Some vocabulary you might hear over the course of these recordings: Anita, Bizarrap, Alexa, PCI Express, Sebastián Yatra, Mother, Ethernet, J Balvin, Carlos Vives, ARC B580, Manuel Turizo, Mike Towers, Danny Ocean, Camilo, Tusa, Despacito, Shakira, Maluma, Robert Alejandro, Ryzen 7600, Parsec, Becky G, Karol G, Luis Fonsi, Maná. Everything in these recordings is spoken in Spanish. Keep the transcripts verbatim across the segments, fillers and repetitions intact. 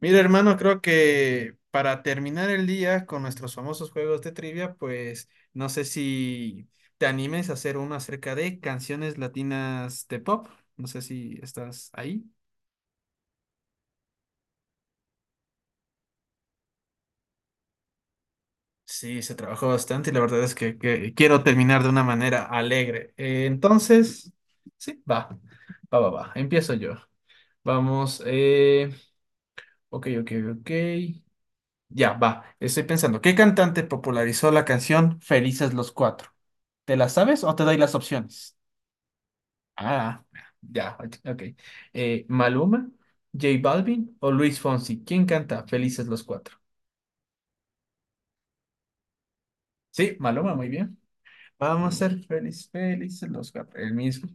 Mira, hermano, creo que para terminar el día con nuestros famosos juegos de trivia, pues no sé si te animes a hacer uno acerca de canciones latinas de pop. No sé si estás ahí. Sí, se trabajó bastante y la verdad es que, que quiero terminar de una manera alegre. Eh, entonces, sí, va, va, va, va. Empiezo yo. Vamos, eh, ok, ok, ok. Ya, va. Estoy pensando, ¿qué cantante popularizó la canción Felices los Cuatro? ¿Te las sabes o te doy las opciones? Ah, ya, ok. Eh, Maluma, J Balvin o Luis Fonsi. ¿Quién canta Felices los Cuatro? Sí, Maluma, muy bien. Vamos a ser felices, felices los cuatro. El mismo.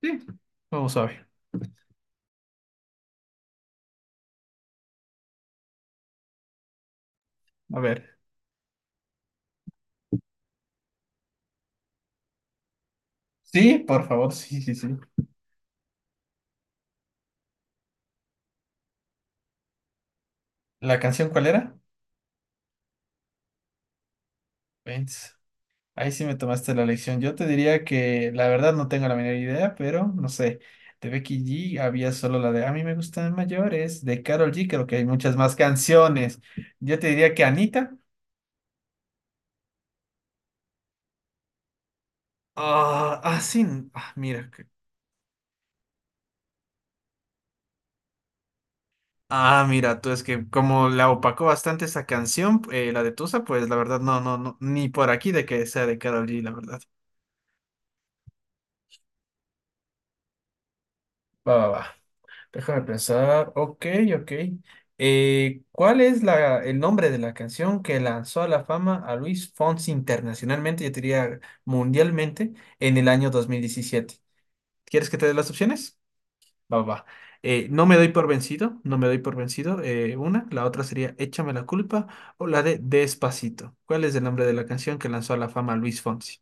Sí, vamos a ver. A ver. Sí, por favor, sí, sí, sí. ¿La canción cuál era? Vence. Ahí sí me tomaste la lección. Yo te diría que la verdad no tengo la menor idea, pero no sé. De Becky G había solo la de A mí me gustan mayores. De Karol G creo que hay muchas más canciones. Yo te diría que Anita. Ah, ah, sí. n- Ah, mira. que- Ah, mira, tú es que como la opacó bastante esa canción, eh, la de Tusa, pues la verdad no, no, no, ni por aquí de que sea de Karol G, la verdad. Va, va, va. Déjame pensar. Ok, ok. Eh, ¿cuál es la, el nombre de la canción que lanzó a la fama a Luis Fonsi internacionalmente, yo diría mundialmente, en el año dos mil diecisiete? ¿Quieres que te dé las opciones? Va, va. Va. Eh, no me doy por vencido, no me doy por vencido. eh, una, la otra sería Échame la culpa o la de Despacito. ¿Cuál es el nombre de la canción que lanzó a la fama a Luis Fonsi?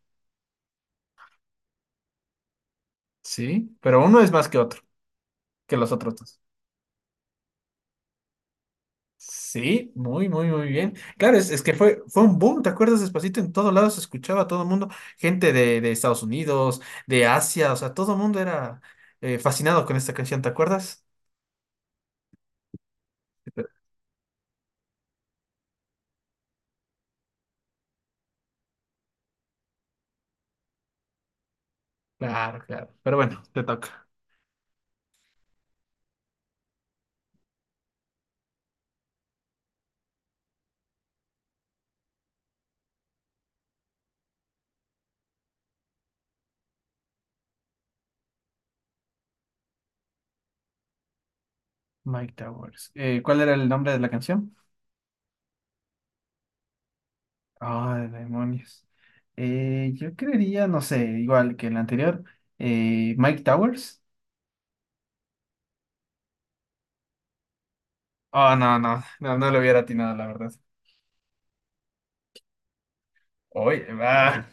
Sí, pero uno es más que otro, que los otros. Sí, muy, muy, muy bien. Claro, es, es que fue, fue un boom, ¿te acuerdas? Despacito en todos lados se escuchaba a todo el mundo, gente de, de Estados Unidos, de Asia, o sea, todo el mundo era eh, fascinado con esta canción, ¿te acuerdas? Claro, claro. Pero bueno, te toca. Mike Towers. Eh, ¿cuál era el nombre de la canción? Ah, de demonios. Eh, yo creería, no sé, igual que el anterior, eh, Mike Towers. Oh, no, no, no, no lo hubiera atinado, la verdad. Hoy, va.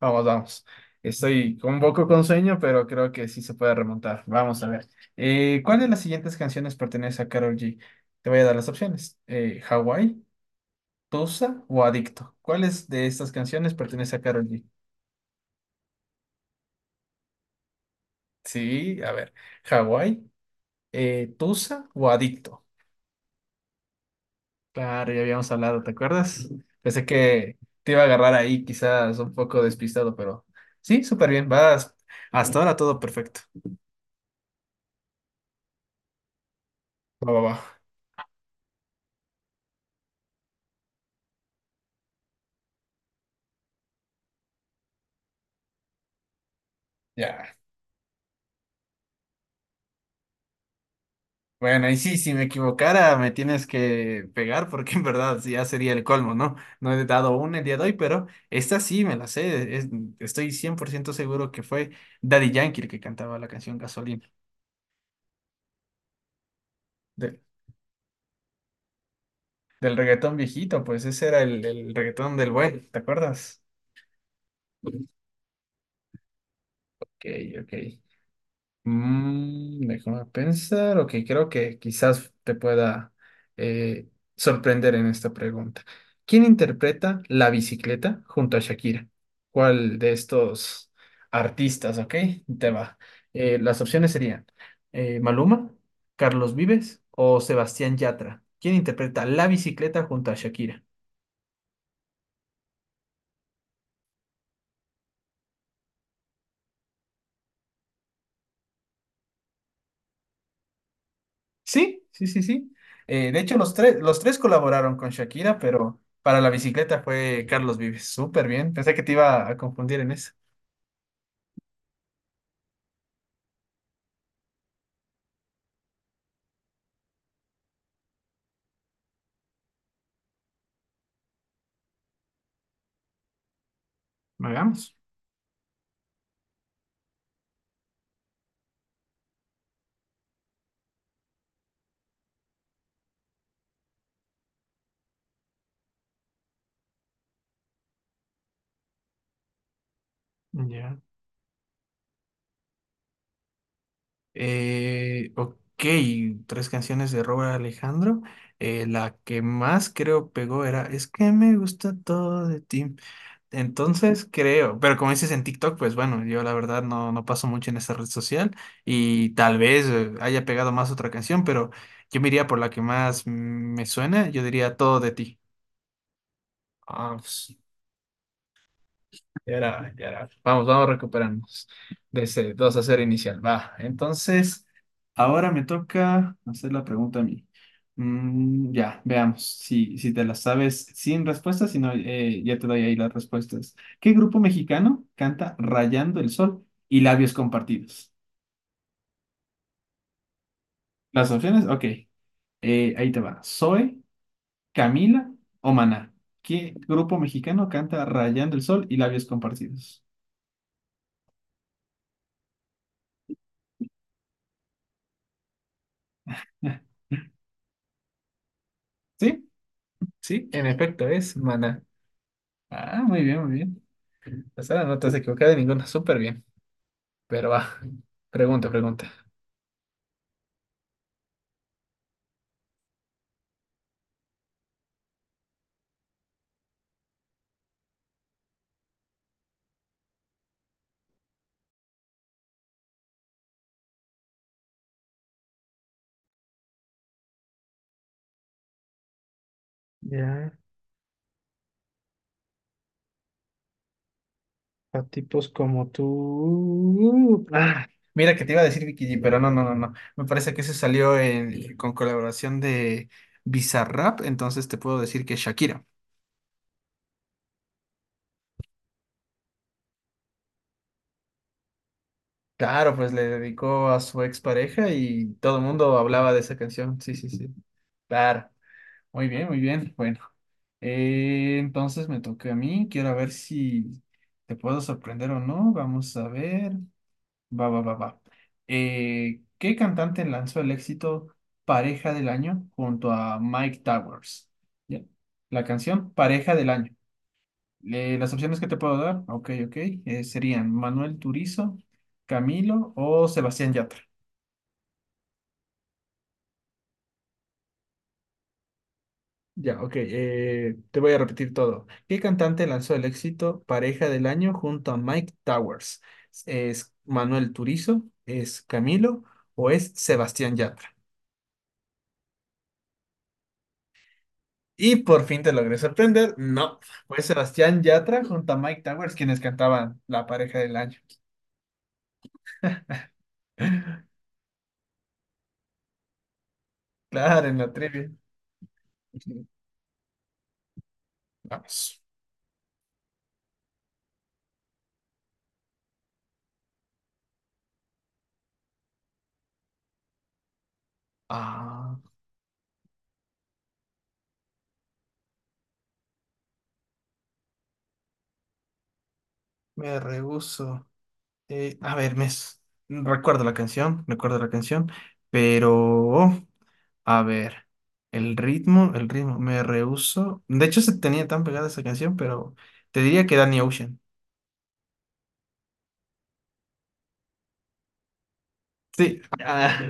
Vamos, vamos. Estoy con un poco con sueño, pero creo que sí se puede remontar. Vamos a ver. Eh, ¿cuál de las siguientes canciones pertenece a Karol G? Te voy a dar las opciones. Eh, ¿Hawái, Tusa o Adicto? ¿Cuáles de estas canciones pertenece a Karol G? Sí, a ver. ¿Hawái, eh, Tusa o Adicto? Claro, ya habíamos hablado, ¿te acuerdas? Pensé que te iba a agarrar ahí, quizás un poco despistado, pero sí, súper bien. Vas. Hasta ahora todo perfecto. Va, va, va. Ya. Bueno, y sí, si me equivocara, me tienes que pegar porque en verdad ya sería el colmo, ¿no? No he dado una el día de hoy, pero esta sí me la sé. Es- estoy cien por ciento seguro que fue Daddy Yankee el que cantaba la canción Gasolina, de- del reggaetón viejito, pues ese era el, el reggaetón del buen, ¿te acuerdas? Ok, ok. Mm, déjame pensar, ok, creo que quizás te pueda eh, sorprender en esta pregunta. ¿Quién interpreta La bicicleta junto a Shakira? ¿Cuál de estos artistas, ok? Te va. Eh, las opciones serían eh, Maluma, Carlos Vives o Sebastián Yatra. ¿Quién interpreta La bicicleta junto a Shakira? Sí, sí, sí, sí. Eh, de hecho, los tres, los tres colaboraron con Shakira, pero para la bicicleta fue Carlos Vives. Súper bien. Pensé que te iba a confundir en eso. Hagamos. Ya. Eh, ok, tres canciones de Robert Alejandro. Eh, la que más creo pegó era Es que me gusta todo de ti. Entonces creo, pero como dices en TikTok, pues bueno, yo la verdad no, no paso mucho en esa red social y tal vez eh, haya pegado más otra canción, pero yo me iría por la que más mm, me suena, yo diría Todo de ti. Ah, pues, ya era hora, ya era hora. Vamos, vamos recuperarnos de ese dos a cero inicial. Va, entonces, ahora me toca hacer la pregunta a mí. Mm, ya, veamos si, si te la sabes sin respuestas, si no, eh, ya te doy ahí las respuestas. ¿Qué grupo mexicano canta Rayando el Sol y Labios Compartidos? Las opciones, ok. Eh, ahí te va. Zoe, Camila o Maná. ¿Qué grupo mexicano canta Rayando el Sol y Labios Compartidos? ¿Sí? Sí, en efecto, es Maná. Ah, muy bien, muy bien. O sea, no te has equivocado de ninguna, súper bien. Pero va, pregunta, pregunta. Ya, a tipos como tú. Ah, mira que te iba a decir Vicky G, pero no, no, no, no. Me parece que ese salió en- con colaboración de Bizarrap, entonces te puedo decir que Shakira. Claro, pues le dedicó a su expareja y todo el mundo hablaba de esa canción. Sí, sí, sí. Claro. Muy bien, muy bien. Bueno, eh, entonces me toca a mí. Quiero ver si te puedo sorprender o no. Vamos a ver. Va, va, va, va. Eh, ¿qué cantante lanzó el éxito Pareja del Año junto a Mike Towers? Ya. La canción Pareja del Año. Eh, las opciones que te puedo dar, ok, ok, eh, serían Manuel Turizo, Camilo o Sebastián Yatra. Ya, ok. eh, te voy a repetir todo. ¿Qué cantante lanzó el éxito Pareja del Año junto a Mike Towers? ¿Es Manuel Turizo? ¿Es Camilo? ¿O es Sebastián Yatra? Y por fin te logré sorprender. No, fue Sebastián Yatra junto a Mike Towers quienes cantaban la Pareja del Año. Claro, en la trivia. Vamos. Ah, me rehuso. Eh, a ver, me s- recuerdo la canción, recuerdo la canción, pero a ver, el ritmo, el ritmo, me rehúso. De hecho, se tenía tan pegada esa canción, pero te diría que Danny Ocean. Sí. Ah,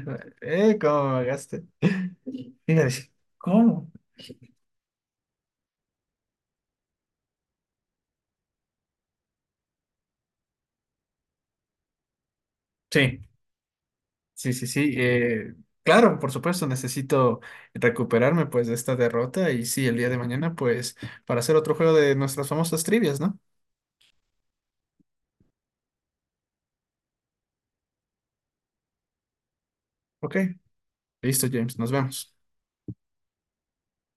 eh, ¿cómo me agaste? Fíjate, ¿cómo? Sí, sí, sí, sí. eh, claro, por supuesto, necesito recuperarme pues de esta derrota y sí, el día de mañana pues para hacer otro juego de nuestras famosas trivias, ¿no? Ok, listo, James, nos vemos.